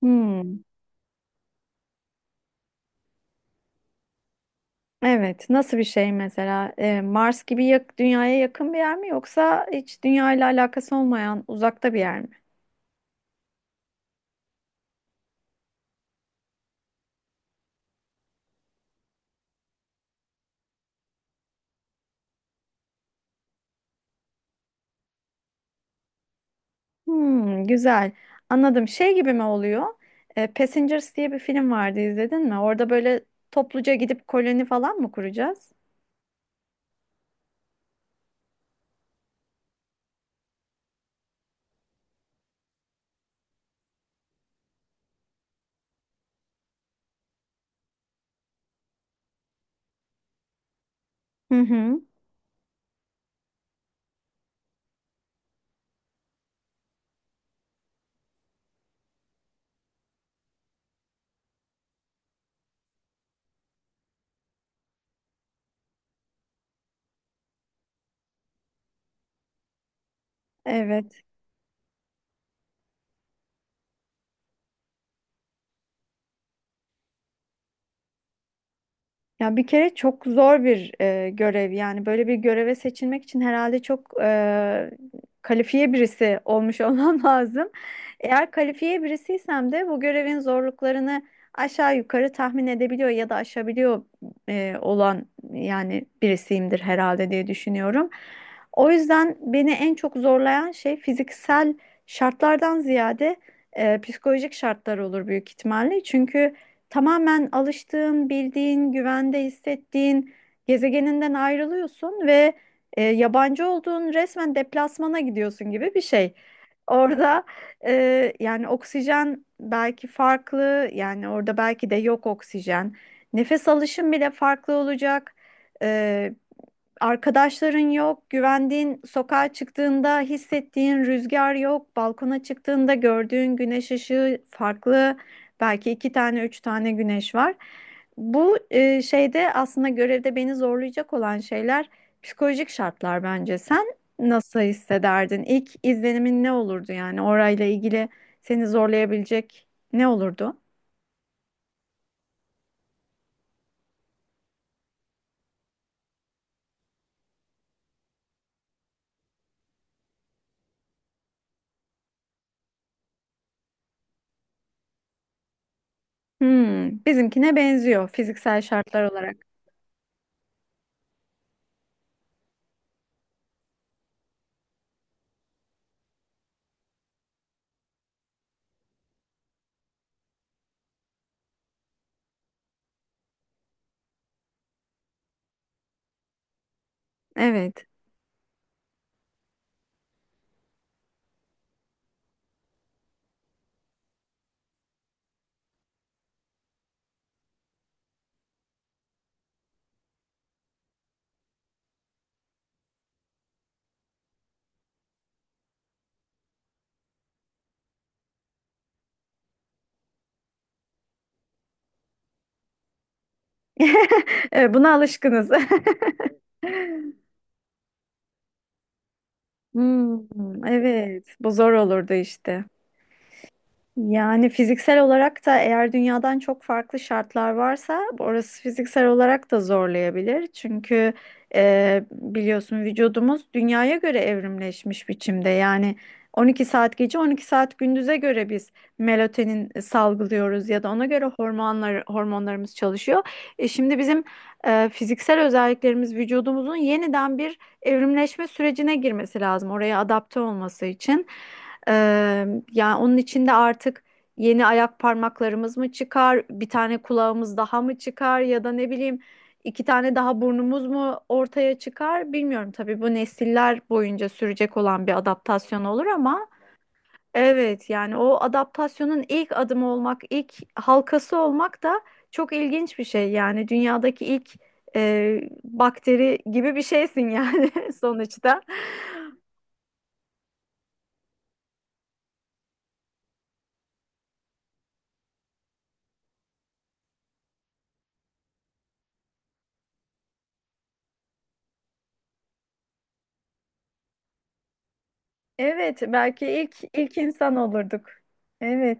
Hmm, evet. Nasıl bir şey mesela? Mars gibi dünyaya yakın bir yer mi yoksa hiç dünya ile alakası olmayan uzakta bir yer mi? Hmm, güzel. Anladım. Şey gibi mi oluyor? Passengers diye bir film vardı izledin mi? Orada böyle topluca gidip koloni falan mı kuracağız? Hı hı. Evet. Ya bir kere çok zor bir görev, yani böyle bir göreve seçilmek için herhalde çok kalifiye birisi olmuş olmam lazım. Eğer kalifiye birisiysem de bu görevin zorluklarını aşağı yukarı tahmin edebiliyor ya da aşabiliyor olan yani birisiyimdir herhalde diye düşünüyorum. O yüzden beni en çok zorlayan şey fiziksel şartlardan ziyade psikolojik şartlar olur büyük ihtimalle. Çünkü tamamen alıştığın, bildiğin, güvende hissettiğin gezegeninden ayrılıyorsun ve yabancı olduğun, resmen deplasmana gidiyorsun gibi bir şey. Orada yani oksijen belki farklı, yani orada belki de yok oksijen. Nefes alışın bile farklı olacak. E, Arkadaşların yok, güvendiğin sokağa çıktığında hissettiğin rüzgar yok, balkona çıktığında gördüğün güneş ışığı farklı, belki iki tane, üç tane güneş var. Bu e, şeyde aslında görevde beni zorlayacak olan şeyler psikolojik şartlar bence. Sen nasıl hissederdin? İlk izlenimin ne olurdu yani orayla ilgili seni zorlayabilecek ne olurdu? Hmm, bizimkine benziyor fiziksel şartlar olarak. Evet. Evet, buna alışkınız. Hmm, evet, bu zor olurdu işte. Yani fiziksel olarak da eğer dünyadan çok farklı şartlar varsa, orası fiziksel olarak da zorlayabilir. Çünkü biliyorsun, vücudumuz dünyaya göre evrimleşmiş biçimde. Yani 12 saat gece 12 saat gündüze göre biz melatonin salgılıyoruz ya da ona göre hormonlarımız çalışıyor. E şimdi bizim fiziksel özelliklerimiz, vücudumuzun yeniden bir evrimleşme sürecine girmesi lazım oraya adapte olması için. Ee, Yani onun içinde artık yeni ayak parmaklarımız mı çıkar, bir tane kulağımız daha mı çıkar ya da ne bileyim iki tane daha burnumuz mu ortaya çıkar bilmiyorum. Tabii bu nesiller boyunca sürecek olan bir adaptasyon olur ama evet, yani o adaptasyonun ilk adımı olmak, ilk halkası olmak da çok ilginç bir şey. Yani dünyadaki ilk bakteri gibi bir şeysin yani sonuçta. Evet, belki ilk insan olurduk. Evet.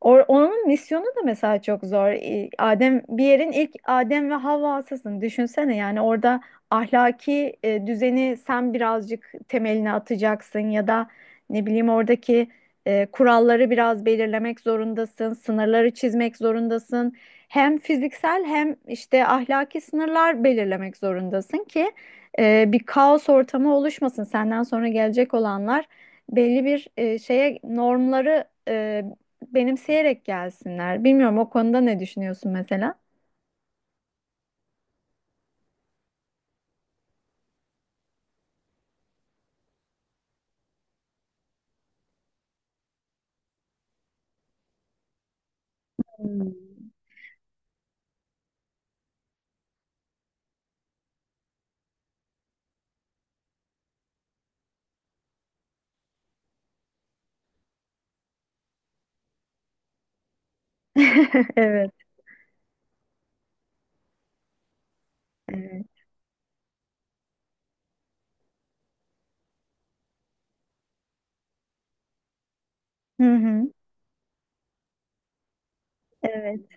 Onun misyonu da mesela çok zor. Adem, bir yerin ilk Adem ve Havva'sısın. Düşünsene yani orada ahlaki düzeni sen birazcık, temelini atacaksın ya da ne bileyim oradaki kuralları biraz belirlemek zorundasın, sınırları çizmek zorundasın. Hem fiziksel hem işte ahlaki sınırlar belirlemek zorundasın ki bir kaos ortamı oluşmasın. Senden sonra gelecek olanlar belli bir e, şeye normları e, benimseyerek gelsinler. Bilmiyorum, o konuda ne düşünüyorsun mesela? Hmm. Evet. Evet. Hı hı. Evet.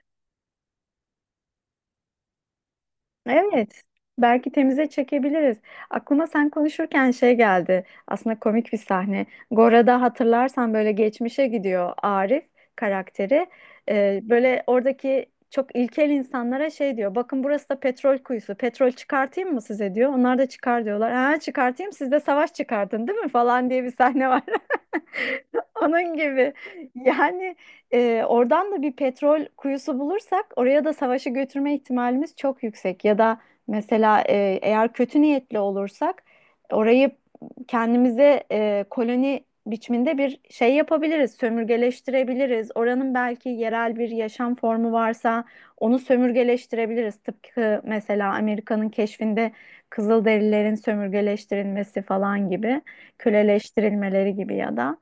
Evet. Belki temize çekebiliriz. Aklıma sen konuşurken şey geldi. Aslında komik bir sahne. Gora'da hatırlarsan böyle geçmişe gidiyor Arif karakteri. Böyle oradaki çok ilkel insanlara şey diyor. Bakın, burası da petrol kuyusu. Petrol çıkartayım mı size diyor. Onlar da çıkar diyorlar. Ha çıkartayım, siz de savaş çıkartın değil mi falan diye bir sahne var. Onun gibi. Yani oradan da bir petrol kuyusu bulursak oraya da savaşı götürme ihtimalimiz çok yüksek. Ya da mesela eğer kötü niyetli olursak orayı kendimize koloni biçiminde bir şey yapabiliriz, sömürgeleştirebiliriz. Oranın belki yerel bir yaşam formu varsa onu sömürgeleştirebiliriz. Tıpkı mesela Amerika'nın keşfinde Kızılderililerin sömürgeleştirilmesi falan gibi, köleleştirilmeleri gibi ya da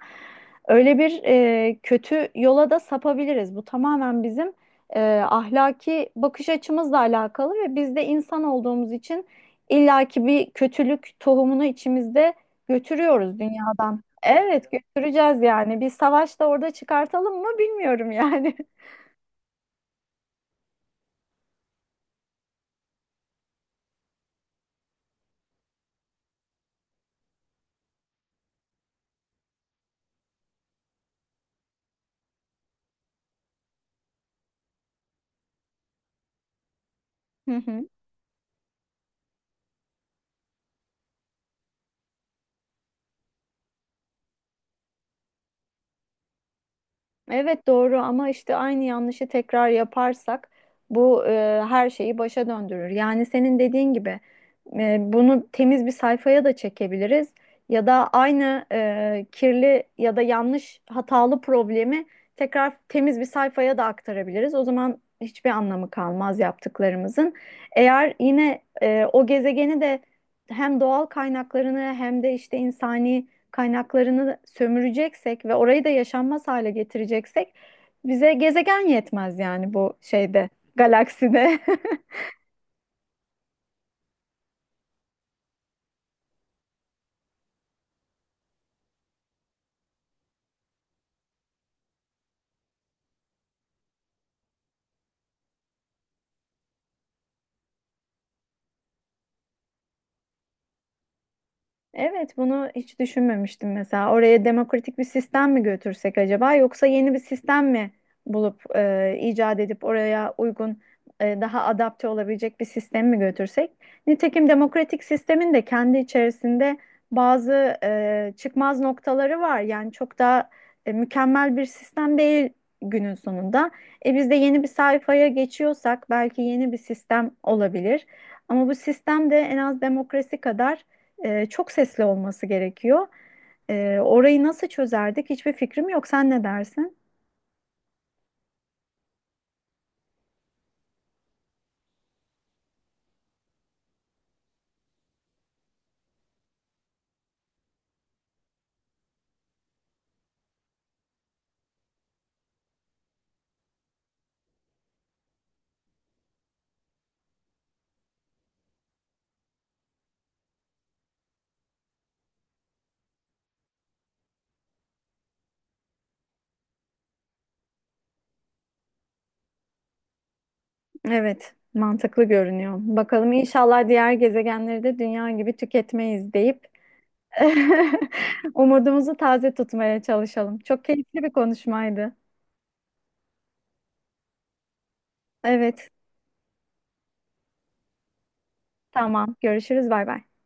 öyle bir kötü yola da sapabiliriz. Bu tamamen bizim e, ahlaki bakış açımızla alakalı ve biz de insan olduğumuz için illaki bir kötülük tohumunu içimizde götürüyoruz dünyadan. Evet, götüreceğiz yani. Bir savaş da orada çıkartalım mı bilmiyorum yani. Hı hı. Evet doğru, ama işte aynı yanlışı tekrar yaparsak bu her şeyi başa döndürür. Yani senin dediğin gibi bunu temiz bir sayfaya da çekebiliriz ya da aynı kirli ya da yanlış hatalı problemi tekrar temiz bir sayfaya da aktarabiliriz. O zaman hiçbir anlamı kalmaz yaptıklarımızın. Eğer yine o gezegeni de hem doğal kaynaklarını hem de işte insani kaynaklarını sömüreceksek ve orayı da yaşanmaz hale getireceksek, bize gezegen yetmez yani bu galakside. Evet, bunu hiç düşünmemiştim mesela. Oraya demokratik bir sistem mi götürsek acaba, yoksa yeni bir sistem mi bulup icat edip oraya uygun daha adapte olabilecek bir sistem mi götürsek? Nitekim demokratik sistemin de kendi içerisinde bazı çıkmaz noktaları var. Yani çok da mükemmel bir sistem değil günün sonunda. Biz de yeni bir sayfaya geçiyorsak belki yeni bir sistem olabilir. Ama bu sistem de en az demokrasi kadar çok sesli olması gerekiyor. Orayı nasıl çözerdik? Hiçbir fikrim yok. Sen ne dersin? Evet, mantıklı görünüyor. Bakalım, inşallah diğer gezegenleri de dünya gibi tüketmeyiz deyip umudumuzu taze tutmaya çalışalım. Çok keyifli bir konuşmaydı. Evet, tamam. Görüşürüz. Bay bay.